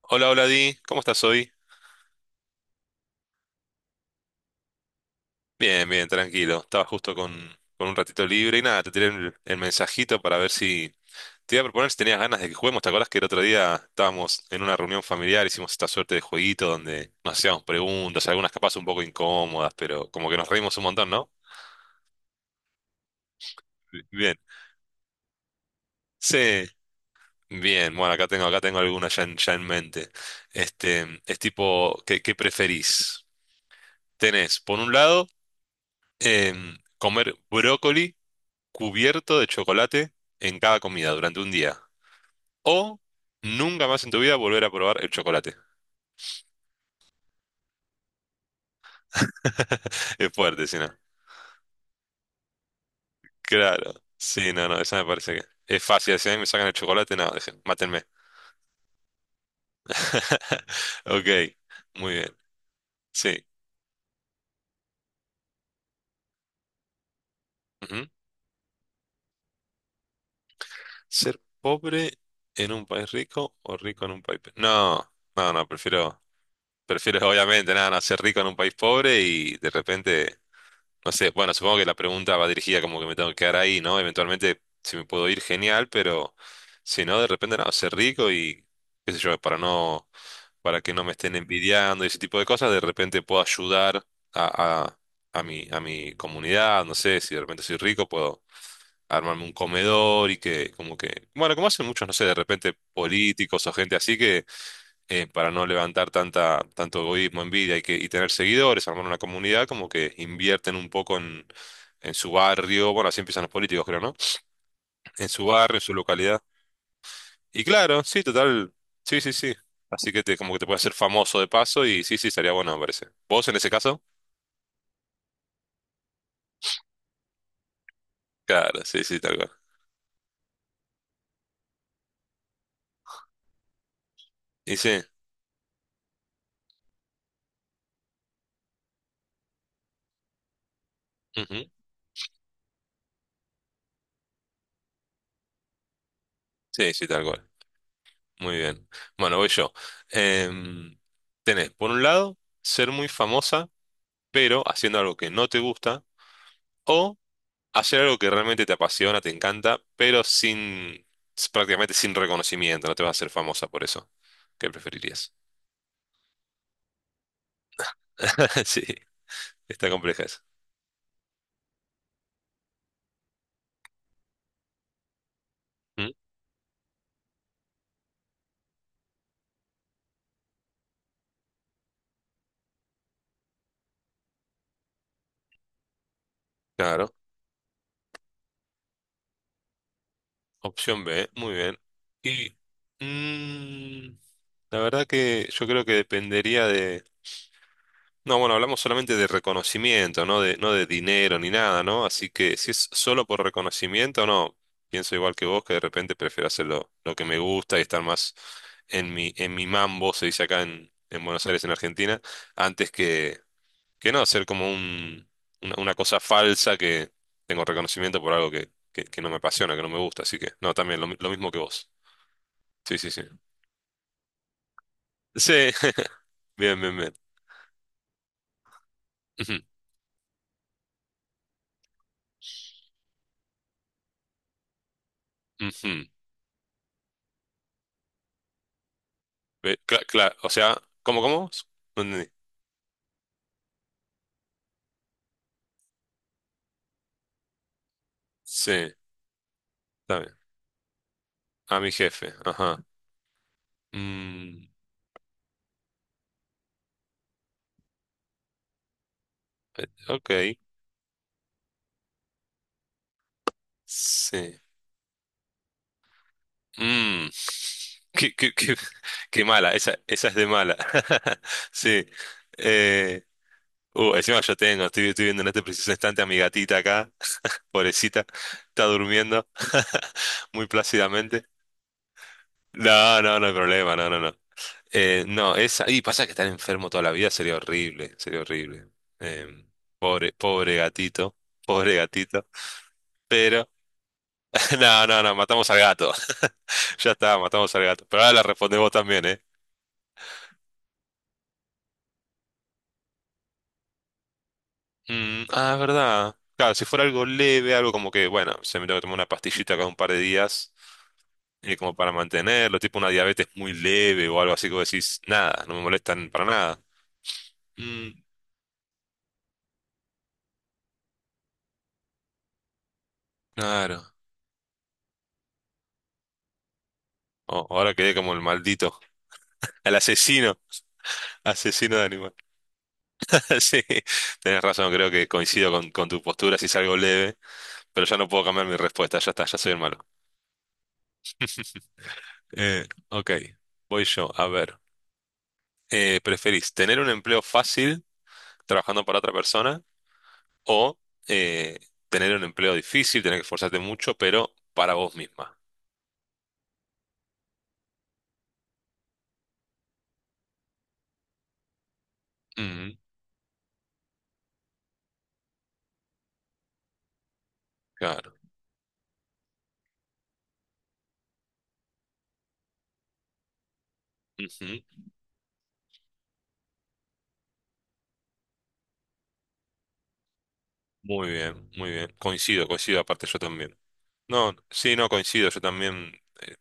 Hola, hola Di, ¿cómo estás hoy? Bien, bien, tranquilo. Estaba justo con un ratito libre y nada, te tiré el mensajito para ver si te iba a proponer si tenías ganas de que juguemos. ¿Te acordás que el otro día estábamos en una reunión familiar, hicimos esta suerte de jueguito donde nos hacíamos preguntas, algunas capaz un poco incómodas, pero como que nos reímos un montón, ¿no? Bien. Sí, bien. Bueno, acá tengo alguna ya en mente. Es tipo, ¿qué preferís? Tenés, por un lado, comer brócoli cubierto de chocolate en cada comida durante un día. O nunca más en tu vida volver a probar el chocolate. Es fuerte, si no. Claro. Sí, no, no, esa me parece que es fácil. Si a mí me sacan el chocolate, no, dejen, mátenme. Ok, muy bien. Sí. Ujú. Ser pobre en un país rico o rico en un país. No, no, no, prefiero. Prefiero obviamente nada, no, ser rico en un país pobre y de repente no sé, bueno, supongo que la pregunta va dirigida como que me tengo que quedar ahí, ¿no? Eventualmente, si me puedo ir, genial, pero si no, de repente, no, ser rico y, qué sé yo, para no, para que no me estén envidiando y ese tipo de cosas, de repente puedo ayudar a, a, a mi comunidad, no sé, si de repente soy rico, puedo armarme un comedor y que, como que, bueno, como hacen muchos, no sé, de repente políticos o gente así que para no levantar tanto egoísmo, envidia y tener seguidores, armar una comunidad, como que invierten un poco en, su barrio, bueno, así empiezan los políticos, creo, ¿no? En su barrio, en su localidad. Y claro, sí, total, sí, sí, sí. Así que como que te puedes hacer famoso de paso y sí, sí, estaría bueno, me parece. ¿Vos en ese caso? Claro, sí, sí, tal cual. Y sí, ujú. Sí, sí, tal cual. Muy bien. Bueno, voy yo. Em, tenés, por un lado, ser muy famosa, pero haciendo algo que no te gusta, o hacer algo que realmente te apasiona, te encanta, pero sin, prácticamente sin reconocimiento, no te vas a hacer famosa por eso. ¿Qué preferirías? Sí, está compleja esa. ¿Mm? Claro, opción B, muy bien. Y mm, la verdad que yo creo que dependería de. No, bueno, hablamos solamente de reconocimiento, no de, dinero ni nada, ¿no? Así que si es solo por reconocimiento, no. Pienso igual que vos, que de repente prefiero hacer lo que me gusta y estar más en mi, mambo, se dice acá en Buenos Aires, en Argentina, antes que no, hacer como una cosa falsa que tengo reconocimiento por algo que no me apasiona, que no me gusta. Así que, no, también lo mismo que vos. Sí, sí, sí. Sí, bien, bien, bien. Ujú, ujú. O sea, ¿cómo? No entendí. Sí, está bien. A mi jefe, ajá. Mm, ok, sí. Mm, qué, qué- qué- qué mala, esa es de mala. Sí. Eh, encima yo estoy viendo en este preciso instante a mi gatita acá, pobrecita, está durmiendo muy plácidamente. No, no, no hay problema, no, no, no. No, esa, y pasa que estar enfermo toda la vida sería horrible, sería horrible. Em, pobre, pobre gatito, pobre gatito. No, no, no, matamos al gato. Ya está, matamos al gato. Pero ahora la respondés vos también, ¿eh? Mm, ah, es verdad. Claro, si fuera algo leve, algo como que, bueno, se me tengo que tomar una pastillita cada un par de días, como para mantenerlo, tipo una diabetes muy leve o algo así que vos decís, nada, no me molestan para nada. Mm, claro. Oh, ahora quedé como el maldito, el asesino, asesino de animal. Sí, tenés razón, creo que coincido con, tu postura si es algo leve, pero ya no puedo cambiar mi respuesta, ya está, ya soy el malo. Ok, voy yo, a ver. ¿Preferís tener un empleo fácil trabajando para otra persona o eh, tener un empleo difícil, tener que esforzarte mucho, pero para vos misma? Ujú, claro. Ujú. Muy bien, muy bien. Coincido, coincido, aparte yo también. No, sí, no, coincido, yo también. eh,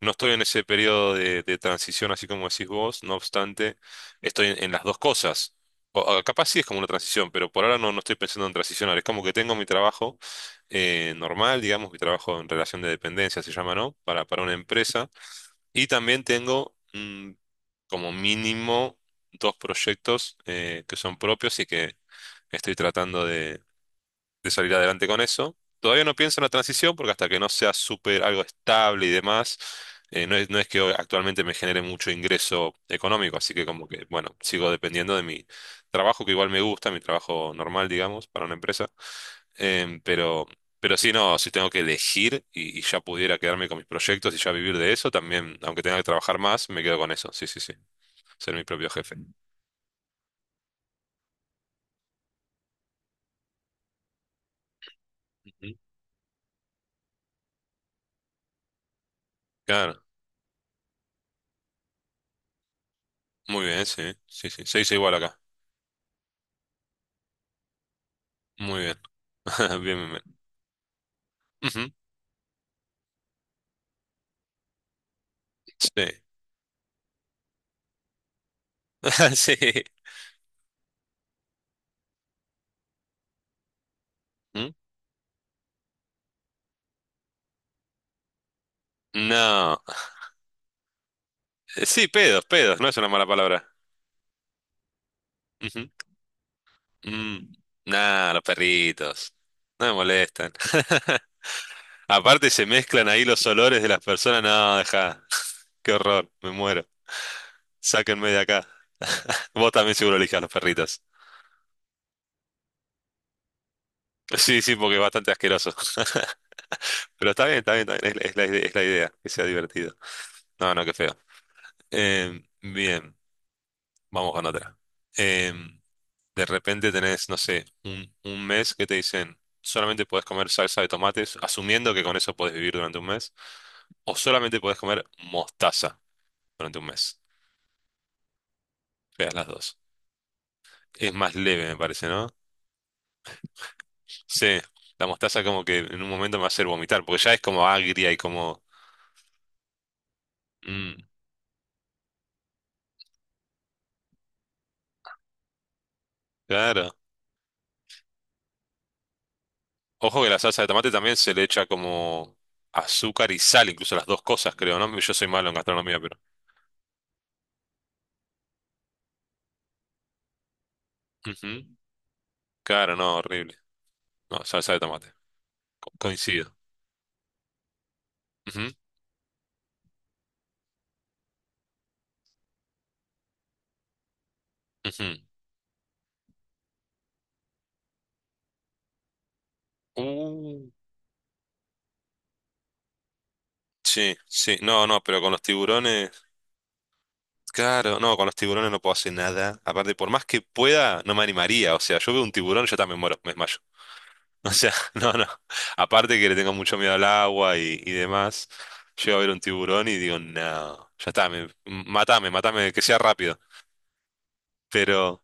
No estoy en ese periodo de, transición así como decís vos, no obstante, estoy en las dos cosas. O capaz sí es como una transición, pero por ahora no, no estoy pensando en transicionar. Es como que tengo mi trabajo normal, digamos, mi trabajo en relación de dependencia se llama, ¿no? para una empresa. Y también tengo como mínimo dos proyectos que son propios y que estoy tratando de salir adelante con eso. Todavía no pienso en la transición porque hasta que no sea súper algo estable y demás, no es que actualmente me genere mucho ingreso económico, así que como que, bueno, sigo dependiendo de mi trabajo, que igual me gusta, mi trabajo normal, digamos, para una empresa. Em, pero, pero sí, no, si tengo que elegir y ya pudiera quedarme con mis proyectos y ya vivir de eso, también, aunque tenga que trabajar más, me quedo con eso, sí, sí, sí, ser mi propio jefe. Ujú. Claro, muy bien, sí, sí, sí, se dice igual acá. Muy bien, bien, bien, bien. Ujú. Sí. Sí. ¿Mm? No. Sí, pedos, pedos, no es una mala palabra. Ujú. Mm. Nah, los perritos. No me molestan. Aparte se mezclan ahí los olores de las personas. No, deja. Qué horror, me muero. Sáquenme de acá. Vos también seguro elijas los perritos. Sí, sí, porque es bastante asqueroso. Pero está bien, está bien, está bien. Es la, es la idea, que sea divertido. No, no, qué feo. Bien, vamos con otra. Eh, De repente tenés, no sé, un mes que te dicen, solamente podés comer salsa de tomates, asumiendo que con eso podés vivir durante un mes, o solamente podés comer mostaza durante un mes. Veas las dos. Es más leve, me parece, ¿no? Sí, la mostaza como que en un momento me va a hacer vomitar, porque ya es como agria y como. Mm, claro. Ojo que la salsa de tomate también se le echa como azúcar y sal, incluso las dos cosas, creo, ¿no? Yo soy malo en gastronomía, pero. Ujú. Claro, no, horrible. No, salsa de tomate. Coincido. Ujú, ujú. Uh, sí, sí, no, no, pero con los tiburones, claro, no, con los tiburones no puedo hacer nada. Aparte, por más que pueda, no me animaría. O sea, yo veo un tiburón, yo también muero, me desmayo. O sea, no, no. Aparte que le tengo mucho miedo al agua y demás, llego a ver un tiburón y digo, no, ya está, matame, matame, que sea rápido. Pero,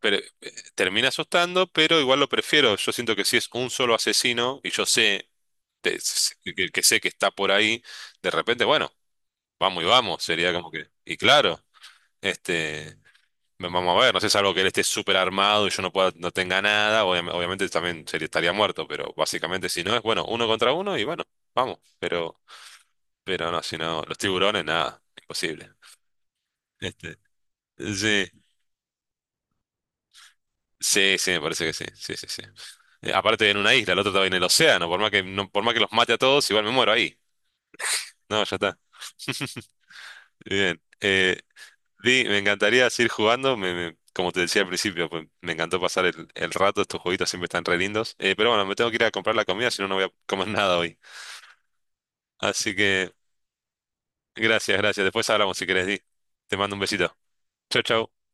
pero termina asustando, pero igual lo prefiero. Yo siento que si es un solo asesino y yo sé, te- que sé que está por ahí, de repente, bueno. Vamos y vamos, sería como que. Y claro, este, vamos a ver, no sé, salvo que él esté súper armado y yo no pueda, no tenga nada, obviamente también sería, estaría muerto, pero básicamente si no es, bueno, uno contra uno y bueno, vamos, pero, no, si no, los tiburones, nada, imposible. Este, sí, sí, sí, me parece que sí, sí, sí, sí. Aparte en una isla, el otro estaba en el océano, por más que, no, por más que los mate a todos, igual me muero ahí. No, ya está. Bien. Sí, me encantaría seguir jugando. Como te decía al principio, pues me encantó pasar el rato. Estos jueguitos siempre están re lindos. Pero bueno, me tengo que ir a comprar la comida, si no, no voy a comer nada hoy. Así que gracias, gracias. Después hablamos si querés, Di. Te mando un besito. Chau, chau.